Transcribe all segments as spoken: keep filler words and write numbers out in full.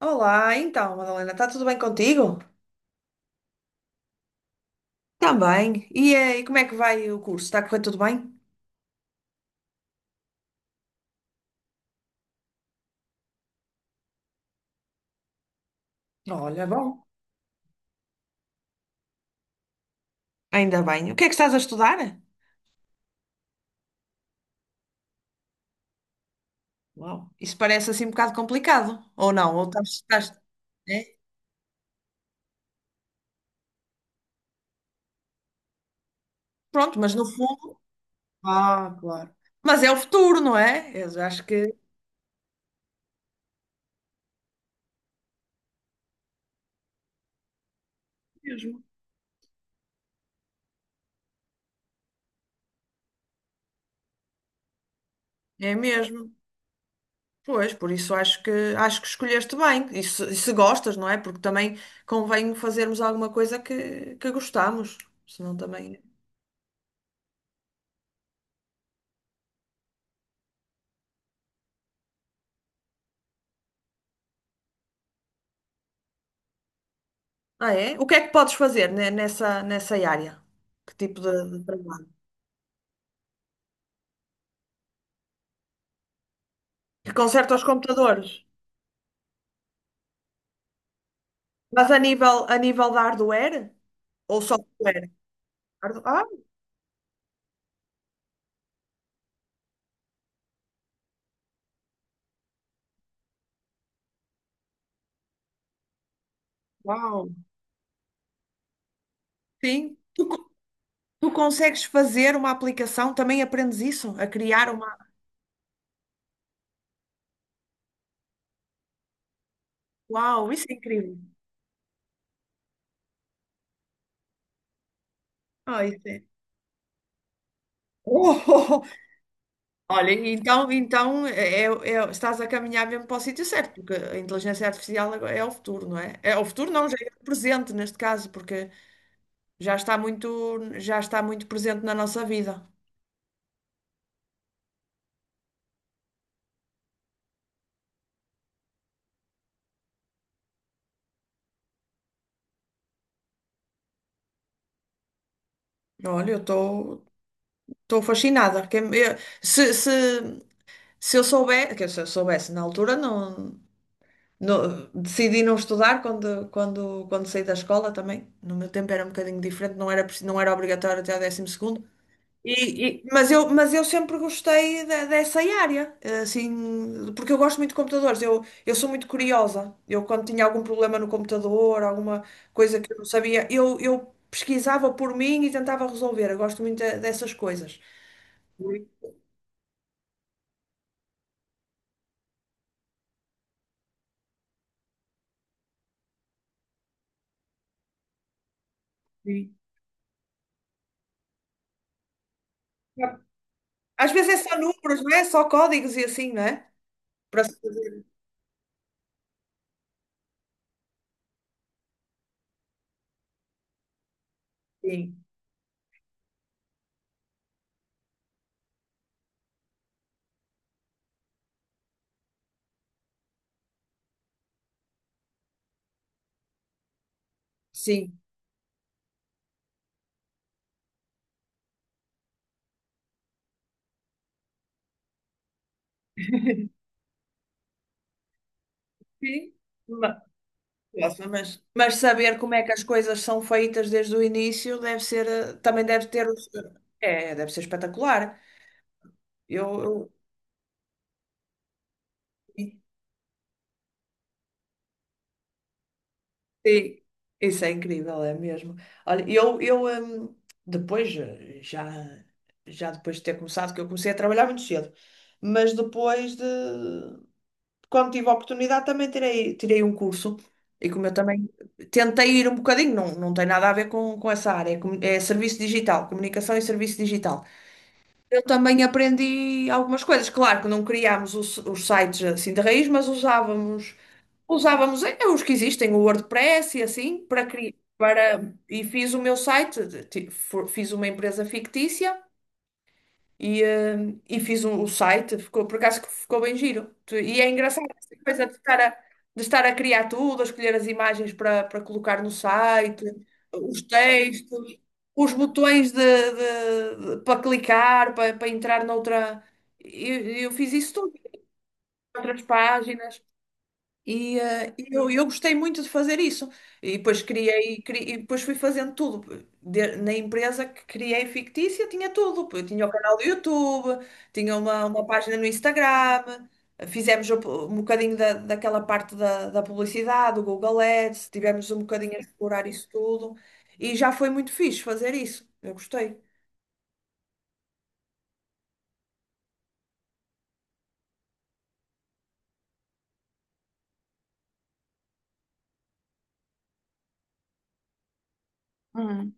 Olá, então, Madalena, está tudo bem contigo? Também. E, eh, e como é que vai o curso? Está a correr tudo bem? Olha, bom. Ainda bem. O que é que estás a estudar? Uau, isso parece assim um bocado complicado, ou não? Ou estás, estás- É? Pronto, mas no fundo. Ah, claro. Mas é o futuro, não é? Eu acho que é mesmo. É mesmo. Pois, por isso acho que acho que escolheste bem. E se, e se gostas, não é? Porque também convém fazermos alguma coisa que, que gostamos. Senão também. Ah, é? O que é que podes fazer ne- nessa, nessa área? Que tipo de, de trabalho? Que conserta os computadores? Mas a nível, a nível da hardware ou software? Hard- Ah, uau! Sim. Tu, co- tu consegues fazer uma aplicação? Também aprendes isso? A criar uma. Uau, isso é incrível! Ah, isso é. Oh, oh, oh. Olha, então, então é, é- é, estás a caminhar mesmo para o sítio certo, porque a inteligência artificial agora é o futuro, não é? É o futuro, não, já é o presente neste caso, porque já está muito, já está muito presente na nossa vida. Olha, eu estou estou fascinada. Quem- eu- se, se, se eu soubesse, que se eu soubesse na altura, não, não- decidi não estudar quando, quando, quando saí da escola também. No meu tempo era um bocadinho diferente, não era, preci- não era obrigatório até ao décimo segundo. E- e- mas eu, mas eu sempre gostei de- dessa área, assim, porque eu gosto muito de computadores, eu, eu sou muito curiosa. Eu, quando tinha algum problema no computador, alguma coisa que eu não sabia, eu, eu pesquisava por mim e tentava resolver. Eu gosto muito de- dessas coisas. Sim, sim. Às vezes é só números, não é? Só códigos e assim, não é? Para se fazer. Sim, sim. Sim. Próxima, mas, mas saber como é que as coisas são feitas desde o início deve ser, eh, também deve ter, o seu- É, deve ser espetacular. Eu, eu- sim, isso é incrível, é mesmo. Olha, eu, eu hum, depois, eh, já, já depois de ter começado, que eu comecei a trabalhar muito cedo, mas depois de, quando tive a oportunidade, também tirei, tirei um curso. E como eu também tentei ir um bocadinho, não, não tem nada a ver com, com essa área, é, comu- é serviço digital, comunicação e serviço digital. Eu também aprendi algumas coisas. Claro que não criámos os, os sites assim de raiz, mas usávamos, usávamos eh, os que existem, o WordPress e assim, para criar. Para, e fiz o meu site, ti- for- fiz uma empresa fictícia e, eh, e fiz um, o site, ficou, por acaso que ficou bem giro. Tu- E é engraçado essa coisa de estar a, de estar a criar tudo, a escolher as imagens para, para colocar no site, os textos, os botões de, de- de- para clicar, para, para entrar noutra. Eu, eu fiz isso tudo, outras páginas. E eh, e eu, eu gostei muito de fazer isso. E depois criei, cri- e depois fui fazendo tudo. De- na empresa que criei fictícia, tinha tudo. Eu tinha o canal do YouTube, tinha uma, uma página no Instagram. Fizemos um po- um bocadinho da, daquela parte da, da publicidade, do Google Ads. Tivemos um bocadinho a explorar isso tudo. E já foi muito fixe fazer isso. Eu gostei. Hum,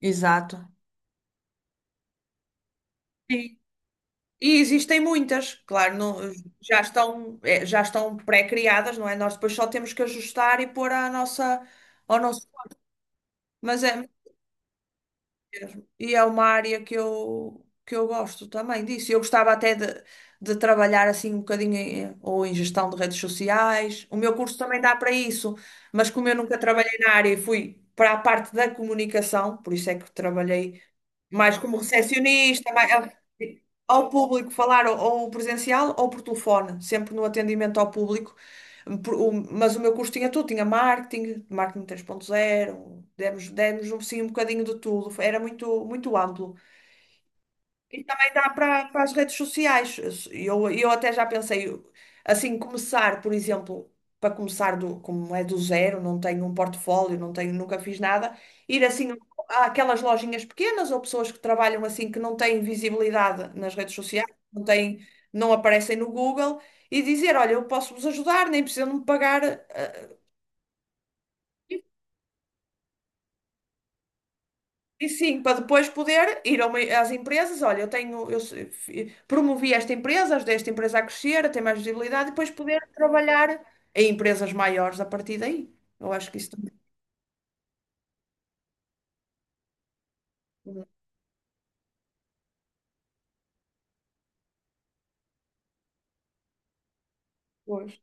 exato. E existem muitas, claro, não- já estão, é, já estão pré-criadas, não é? Nós depois só temos que ajustar e pôr a nossa, ao nosso. Mas é mesmo. E é uma área que eu, que eu gosto também disso. Eu gostava até de, de trabalhar assim um bocadinho em, ou em gestão de redes sociais. O meu curso também dá para isso, mas como eu nunca trabalhei na área e fui para a parte da comunicação, por isso é que trabalhei mais como recepcionista, mais- ao público falar ou, ou, presencial ou por telefone, sempre no atendimento ao público. Por- o- Mas o meu curso tinha tudo, tinha marketing, marketing três ponto zero demos, demos um, sim, um bocadinho de tudo, era muito, muito amplo. E também dá para para as redes sociais. Eu, eu até já pensei, assim, começar, por exemplo, para começar do, como é do zero, não tenho um portfólio, não tenho, nunca fiz nada, ir assim àquelas lojinhas pequenas ou pessoas que trabalham assim que não têm visibilidade nas redes sociais, não têm, não aparecem no Google, e dizer, olha, eu posso vos ajudar, nem precisam de me pagar. E sim, para depois poder ir a uma- às empresas, olha, eu tenho, eu se- fi- promovi esta empresa, ajudei esta empresa a crescer, a ter mais visibilidade, e depois poder trabalhar em empresas maiores a partir daí. Eu acho que isso também é hoje.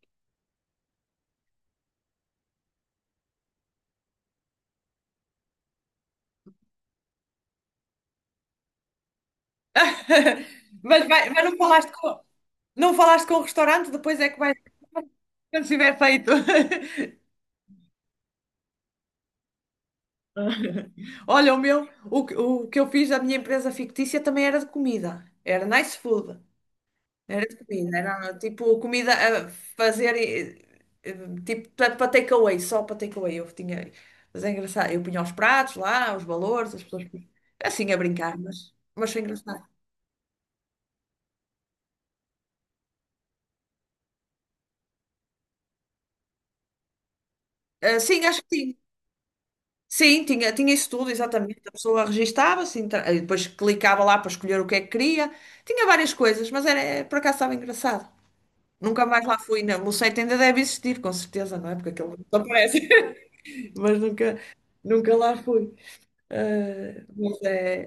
Mas, vai- mas não falaste com, não falaste com o restaurante, depois é que vais, quando estiver feito. Olha, o meu, o, que- o que eu fiz da minha empresa fictícia também era de comida, era nice food. Era comida, era tipo comida a fazer, eh, eh, tipo para para takeaway, só para takeaway. Eu tinha, mas é engraçado, eu punha os pratos lá, os valores, as pessoas assim a brincar, mas, mas foi engraçado. Ah, sim, acho que tinha. Sim, tinha, tinha isso tudo, exatamente. A pessoa registava-se, entra- e depois clicava lá para escolher o que é que queria. Tinha várias coisas, mas era, por acaso estava engraçado. Nunca mais lá fui, não. O site ainda deve existir, com certeza, não é? Porque aquilo não aparece. Mas nunca, nunca lá fui. Eh, mas é-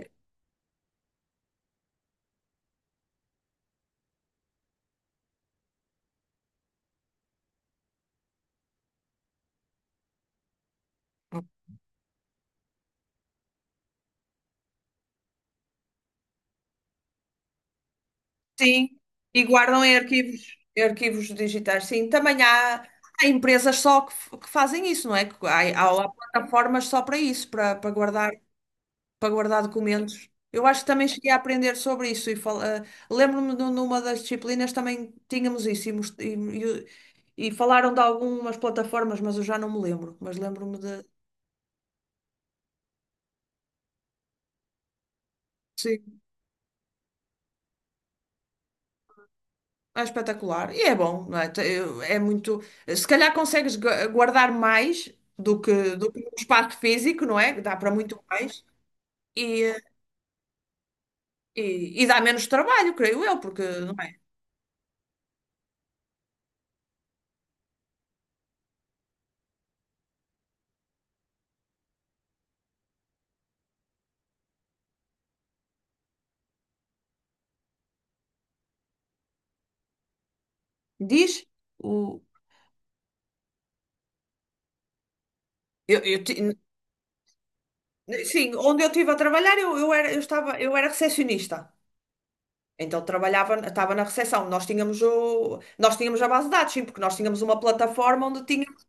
Sim, e guardam em arquivos, em arquivos digitais. Sim, também há, há empresas só que, f- que fazem isso, não é? Que Há, há, há plataformas só para isso, para, para guardar, para guardar documentos. Eu acho que também cheguei a aprender sobre isso e fal- eh, lembro-me de numa das disciplinas também tínhamos isso e, mos- e, e- e falaram de algumas plataformas, mas eu já não me lembro, mas lembro-me de. É espetacular. E é bom, não é? Te- eu- É muito. Se calhar consegues gu- guardar mais do que, do que um espaço físico, não é? Dá para muito mais. E, e, e dá menos trabalho, creio eu, porque, não é? Diz o. Eu, eu ti- sim, onde eu estive a trabalhar, eu, eu era, eu estava, eu era recepcionista. Então trabalhava, estava na recepção. Nós tínhamos o, nós tínhamos a base de dados, sim, porque nós tínhamos uma plataforma onde tínhamos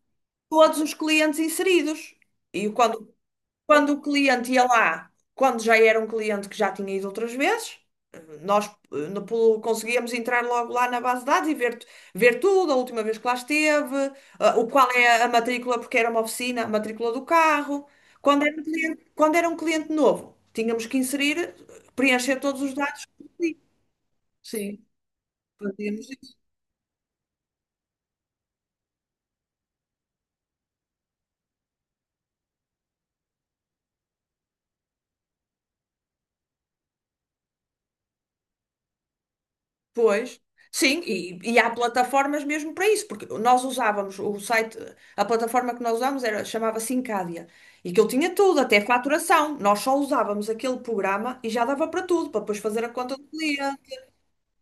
todos os clientes inseridos. E quando Quando o cliente ia lá, quando já era um cliente que já tinha ido outras vezes, nós eh, no- pelo- conseguíamos entrar logo lá na base de dados e ver, ver tudo, a última vez que lá esteve, ah, o qual é a matrícula, porque era uma oficina, a matrícula do carro. Quando era um cliente, quando era um cliente novo, tínhamos que inserir, eh, preencher todos os dados. Sim, fazíamos. Pois, sim, e, e há plataformas mesmo para isso, porque nós usávamos o site, a plataforma que nós usávamos era, chamava-se Encadia, e que ele tinha tudo, até faturação. Nós só usávamos aquele programa e já dava para tudo, para depois fazer a conta do cliente.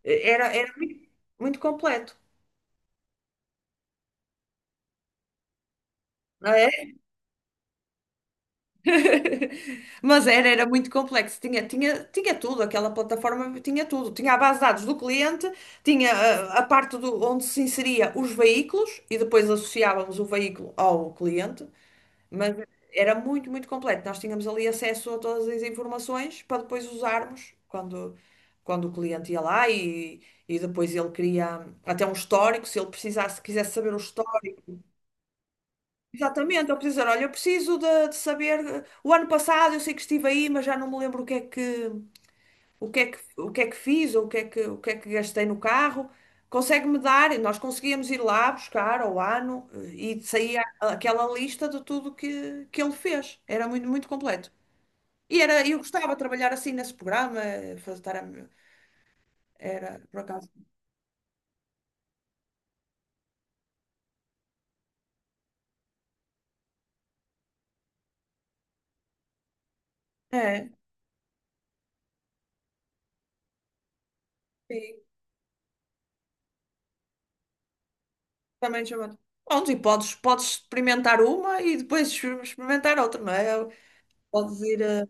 Era, era muito, muito completo, não é? Mas era, era muito complexo, tinha, tinha, tinha tudo, aquela plataforma tinha tudo. Tinha a base de dados do cliente, tinha a, a parte do, onde se inseria os veículos e depois associávamos o veículo ao cliente. Mas era muito, muito completo. Nós tínhamos ali acesso a todas as informações para depois usarmos quando, quando, o cliente ia lá e, e depois ele queria até um histórico, se ele precisasse, quisesse saber o histórico. Exatamente, ele precisa, olha, eu preciso de, de saber, eh, o ano passado eu sei que estive aí, mas já não me lembro o que é que, o que é que, o que é que fiz ou o que é que, o que é que gastei no carro, consegue-me dar, nós conseguíamos ir lá buscar ao ano eh, e saía aquela lista de tudo que, que ele fez. Era muito, muito completo. E era, eu gostava de trabalhar assim nesse programa, eh, fazer, estar a- era, por acaso. É, sim, também chamado. Pronto, e podes, podes experimentar uma e depois experimentar outra, não é? Podes ir, eh,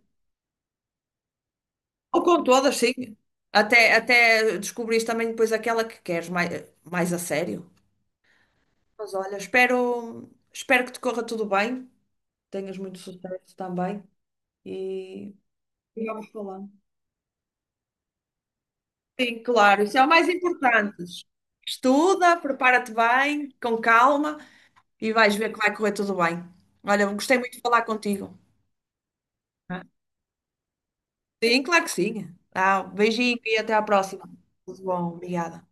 ou com todas, sim. Até, até descobrires também depois aquela que queres mais, mais a sério. Mas olha, espero, espero que te corra tudo bem, tenhas muito sucesso também e e vamos falando. Sim, claro, isso é o mais importante. Estuda, prepara-te bem, com calma e vais ver que vai correr tudo bem. Olha, gostei muito de falar contigo. Sim, claro que sim. Ah, beijinho e até à próxima. Tudo bom, obrigada.